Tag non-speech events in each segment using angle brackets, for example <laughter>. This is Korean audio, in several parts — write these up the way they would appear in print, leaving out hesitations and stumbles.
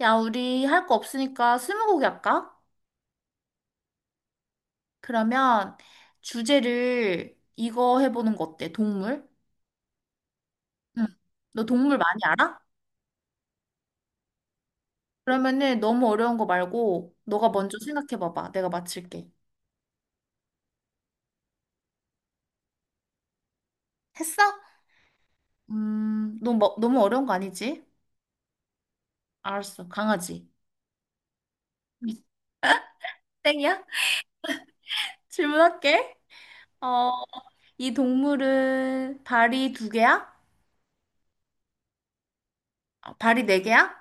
야, 우리 할 거 없으니까 스무고개 할까? 그러면 주제를 이거 해보는 거 어때? 동물? 응. 너 동물 많이 알아? 그러면은 너무 어려운 거 말고 너가 먼저 생각해봐봐. 내가 맞출게. 했어? 너 뭐, 너무 어려운 거 아니지? 알았어. 강아지. <laughs> 땡이야? 질문할게. 어, 이 동물은 발이 두 개야? 아, 발이 네 개야?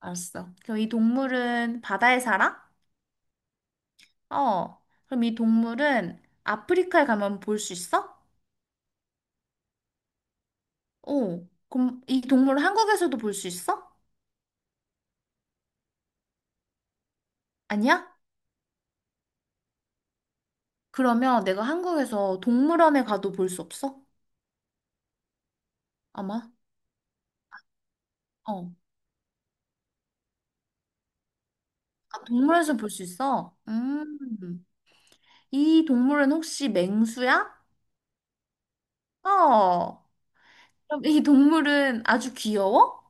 알았어. 그럼 이 동물은 바다에 살아? 어, 그럼 이 동물은 아프리카에 가면 볼 수 있어? 어, 그럼 이 동물 한국에서도 볼 수 있어? 아니야? 그러면 내가 한국에서 동물원에 가도 볼 수 없어? 아마? 어, 아, 동물원에서 볼 수 있어? 이 동물은 혹시 맹수야? 어, 그럼 이 동물은 아주 귀여워?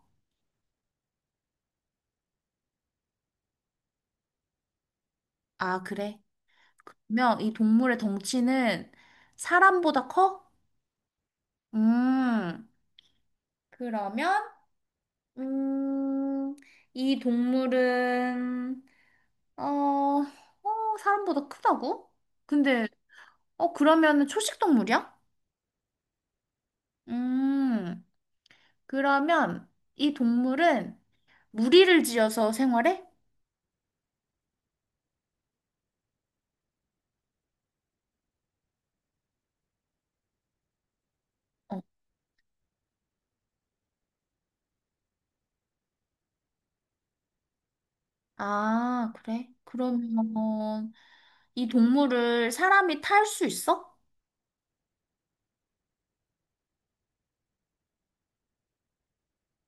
아, 그래. 그러면 이 동물의 덩치는 사람보다 커? 음, 그러면 음, 이 동물은 사람보다 크다고? 근데 어 그러면 초식 동물이야? 음, 그러면 이 동물은 무리를 지어서 생활해? 어. 아, 그래? 그러면 이 동물을 사람이 탈 수 있어?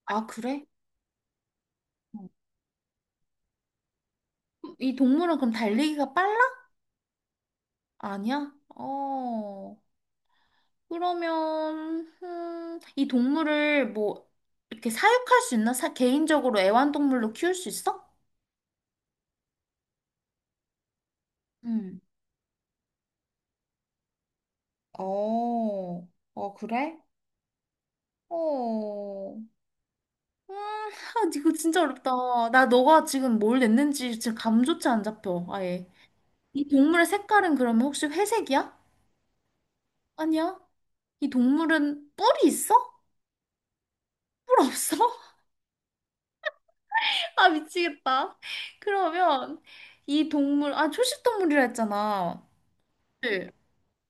아, 그래? 어. 이 동물은 그럼 달리기가 빨라? 아니야? 어. 그러면 이 동물을 뭐 이렇게 사육할 수 있나? 사, 개인적으로 애완동물로 키울 수 있어? 음. 어, 어, 그래? 어, 아, 이거 진짜 어렵다. 나 너가 지금 뭘 냈는지 지금 감조차 안 잡혀. 아예. 이 동물의 색깔은 그러면 혹시 회색이야? 아니야. 이 동물은 뿔이 있어? 뿔 없어? <laughs> 아, 미치겠다. 그러면 이 동물, 아, 초식 동물이라 했잖아.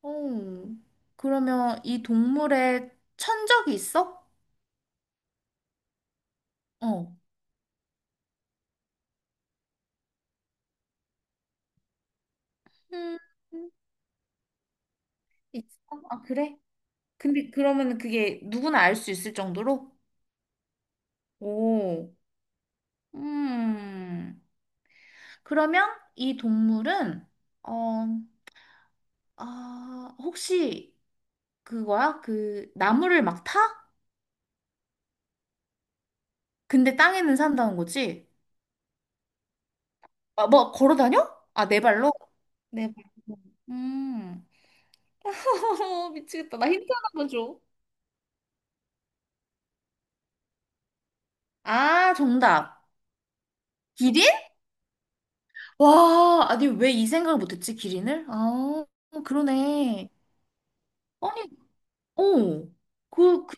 어, 그러면 이 동물에 천적이 있어? 어. 음, 있어. 아, 그래? 근데 그러면 그게 누구나 알 수 있을 정도로? 오, 음. 그러면 이 동물은, 어, 아, 혹시 그거야? 그 나무를 막 타? 근데 땅에는 산다는 거지? 아, 뭐 걸어 다녀? 아, 네 발로? 네 발로. 음. <laughs> 미치겠다. 나 힌트 하나 만 줘. 아, 정답. 기린? 와, 아니, 왜 이 생각을 못했지, 기린을? 아, 그러네. 아니, 어. 그, 그,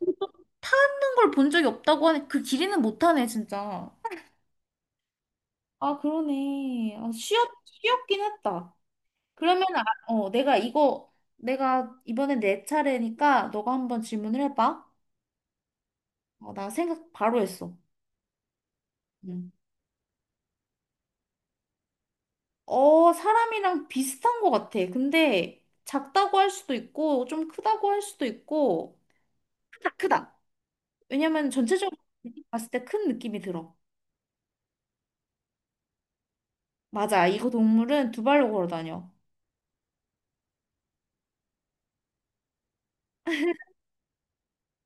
타는 걸 본 적이 없다고 하네. 그 기린은 못하네, 진짜. 아, 그러네. 아, 쉬었긴 했다. 그러면, 아, 어, 내가 이번에 내 차례니까 너가 한번 질문을 해봐. 어, 나 생각 바로 했어. 응. 어, 사람이랑 비슷한 것 같아. 근데 작다고 할 수도 있고, 좀 크다고 할 수도 있고, 크다, 크다. 왜냐면 전체적으로 봤을 때 큰 느낌이 들어. 맞아. 이거 동물은 두 발로 걸어 다녀.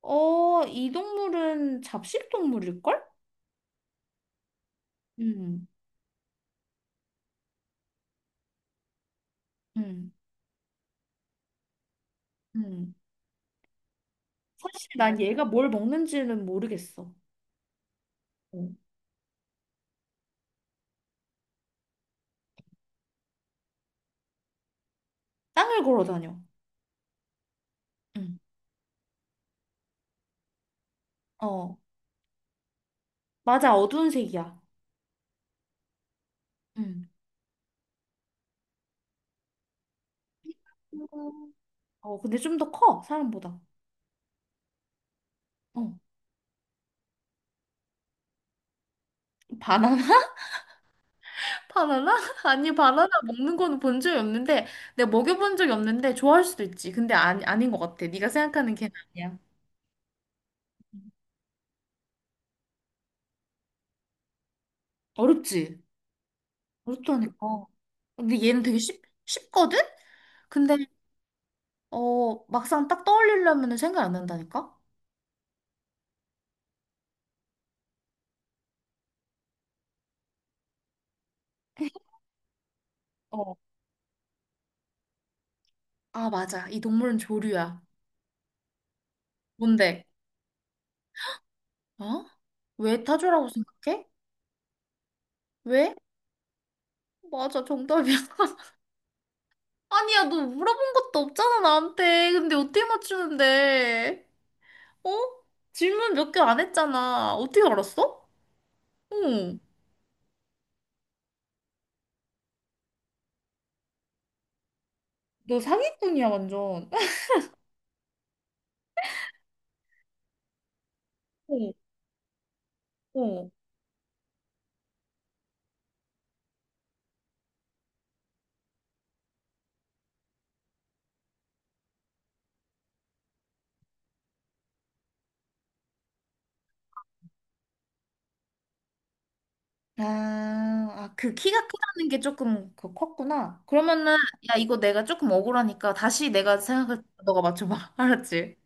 어, 이 동물은 잡식 동물일걸? 음, 음, 음. 사실 난 얘가 뭘 먹는지는 모르겠어. 어. 땅을 걸어 다녀. 음. 어, 맞아. 어두운 색이야. 음. 어, 근데 좀 더 커, 사람보다. 어. 바나나? <laughs> 바나나? <laughs> 아니, 바나나 먹는 거는 본 적이 없는데, 내가 먹여본 적이 없는데, 좋아할 수도 있지. 근데 아, 아닌 것 같아. 네가 생각하는 걔는 아니야. 어렵지? 어렵다니까. 근데 얘는 되게 쉽거든? 근데, 어, 막상 딱 떠올리려면 생각 안 난다니까? 어, 아, 맞아. 이 동물은 조류야. 뭔데? 어? 왜 타조라고 생각해? 왜? 맞아, 정답이야. <laughs> 아니야, 너 물어본 것도 없잖아, 나한테. 근데 어떻게 맞추는데? 어? 질문 몇 개 안 했잖아. 어떻게 알았어? 응. 너 사기꾼이야, 완전. <laughs> 어, 어. 아, 아, 그 키가 크다는 게 조금 그 컸구나. 그러면은, 야, 이거 내가 조금 억울하니까 다시 내가 생각할 때 너가 맞춰봐. <laughs> 알았지?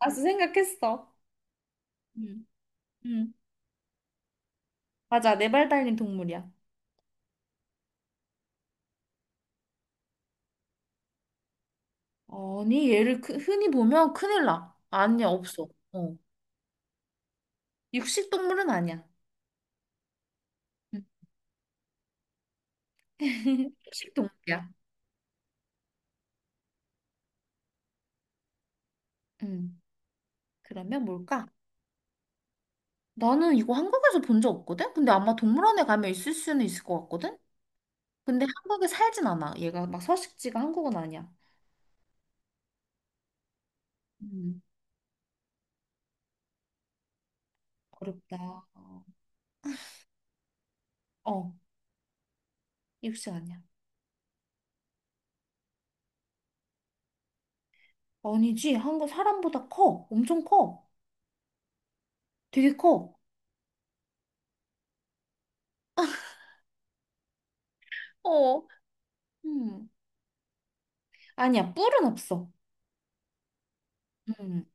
알았어, 생각했어. 응, 응. 맞아, 네발 달린 동물이야. 아니, 얘를 흔히 보면 큰일 나. 아니야, 없어. 어. 육식 동물은 아니야. 응. <laughs> 육식 동물이야. 응 그러면 뭘까? 나는 이거 한국에서 본 적 없거든? 근데 아마 동물원에 가면 있을 수는 있을 것 같거든? 근데 한국에 살진 않아. 얘가 막 서식지가 한국은 아니야. 음, 어렵다. 어, 어, 육식 아니야. 아니지. 한국 사람보다 커. 엄청 커. 되게 커. 어, 음, 아니야. 뿔은 없어. 음,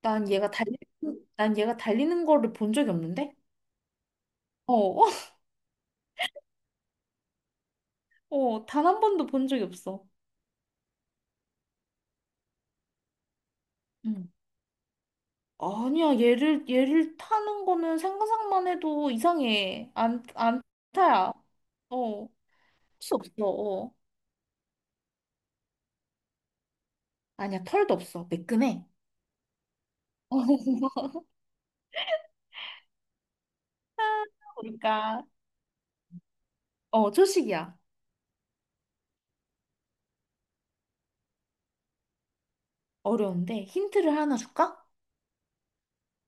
난 얘가 달리, 난 얘가 달리는 거를 본 적이 없는데? 어, <laughs> 어, 단 한 번도 본 적이 없어. 음. 아니야. 얘를 타는 거는 생각만 해도 이상해. 안 타야. 어, 수 없어. 어. 아니야. 털도 없어. 매끈해. <laughs> 그러니까. 어, 초식이야. 어려운데 힌트를 하나 줄까?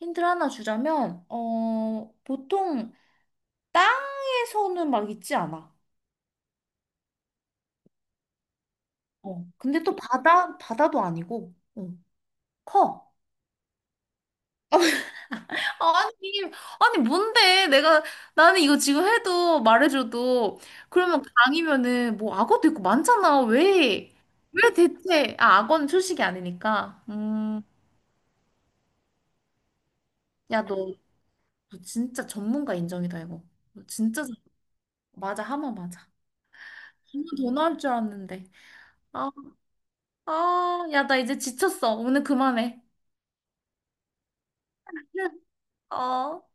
힌트를 하나 주자면 어 보통 땅에서는 막 있지 않아. 어 근데 또 바다도 아니고 어, 커. 아니, 아니, 뭔데? 내가, 나는 이거 지금 해도 말해줘도, 그러면 강이면은, 뭐, 악어도 있고 많잖아. 왜? 왜 대체? 아, 악어는 초식이 아니니까. 야, 너 진짜 전문가 인정이다, 이거. 너 진짜, 전- 맞아, 하마 맞아. 너무 더 나올 줄 알았는데. 아, 아, 야, 나 이제 지쳤어. 오늘 그만해. <laughs> 어.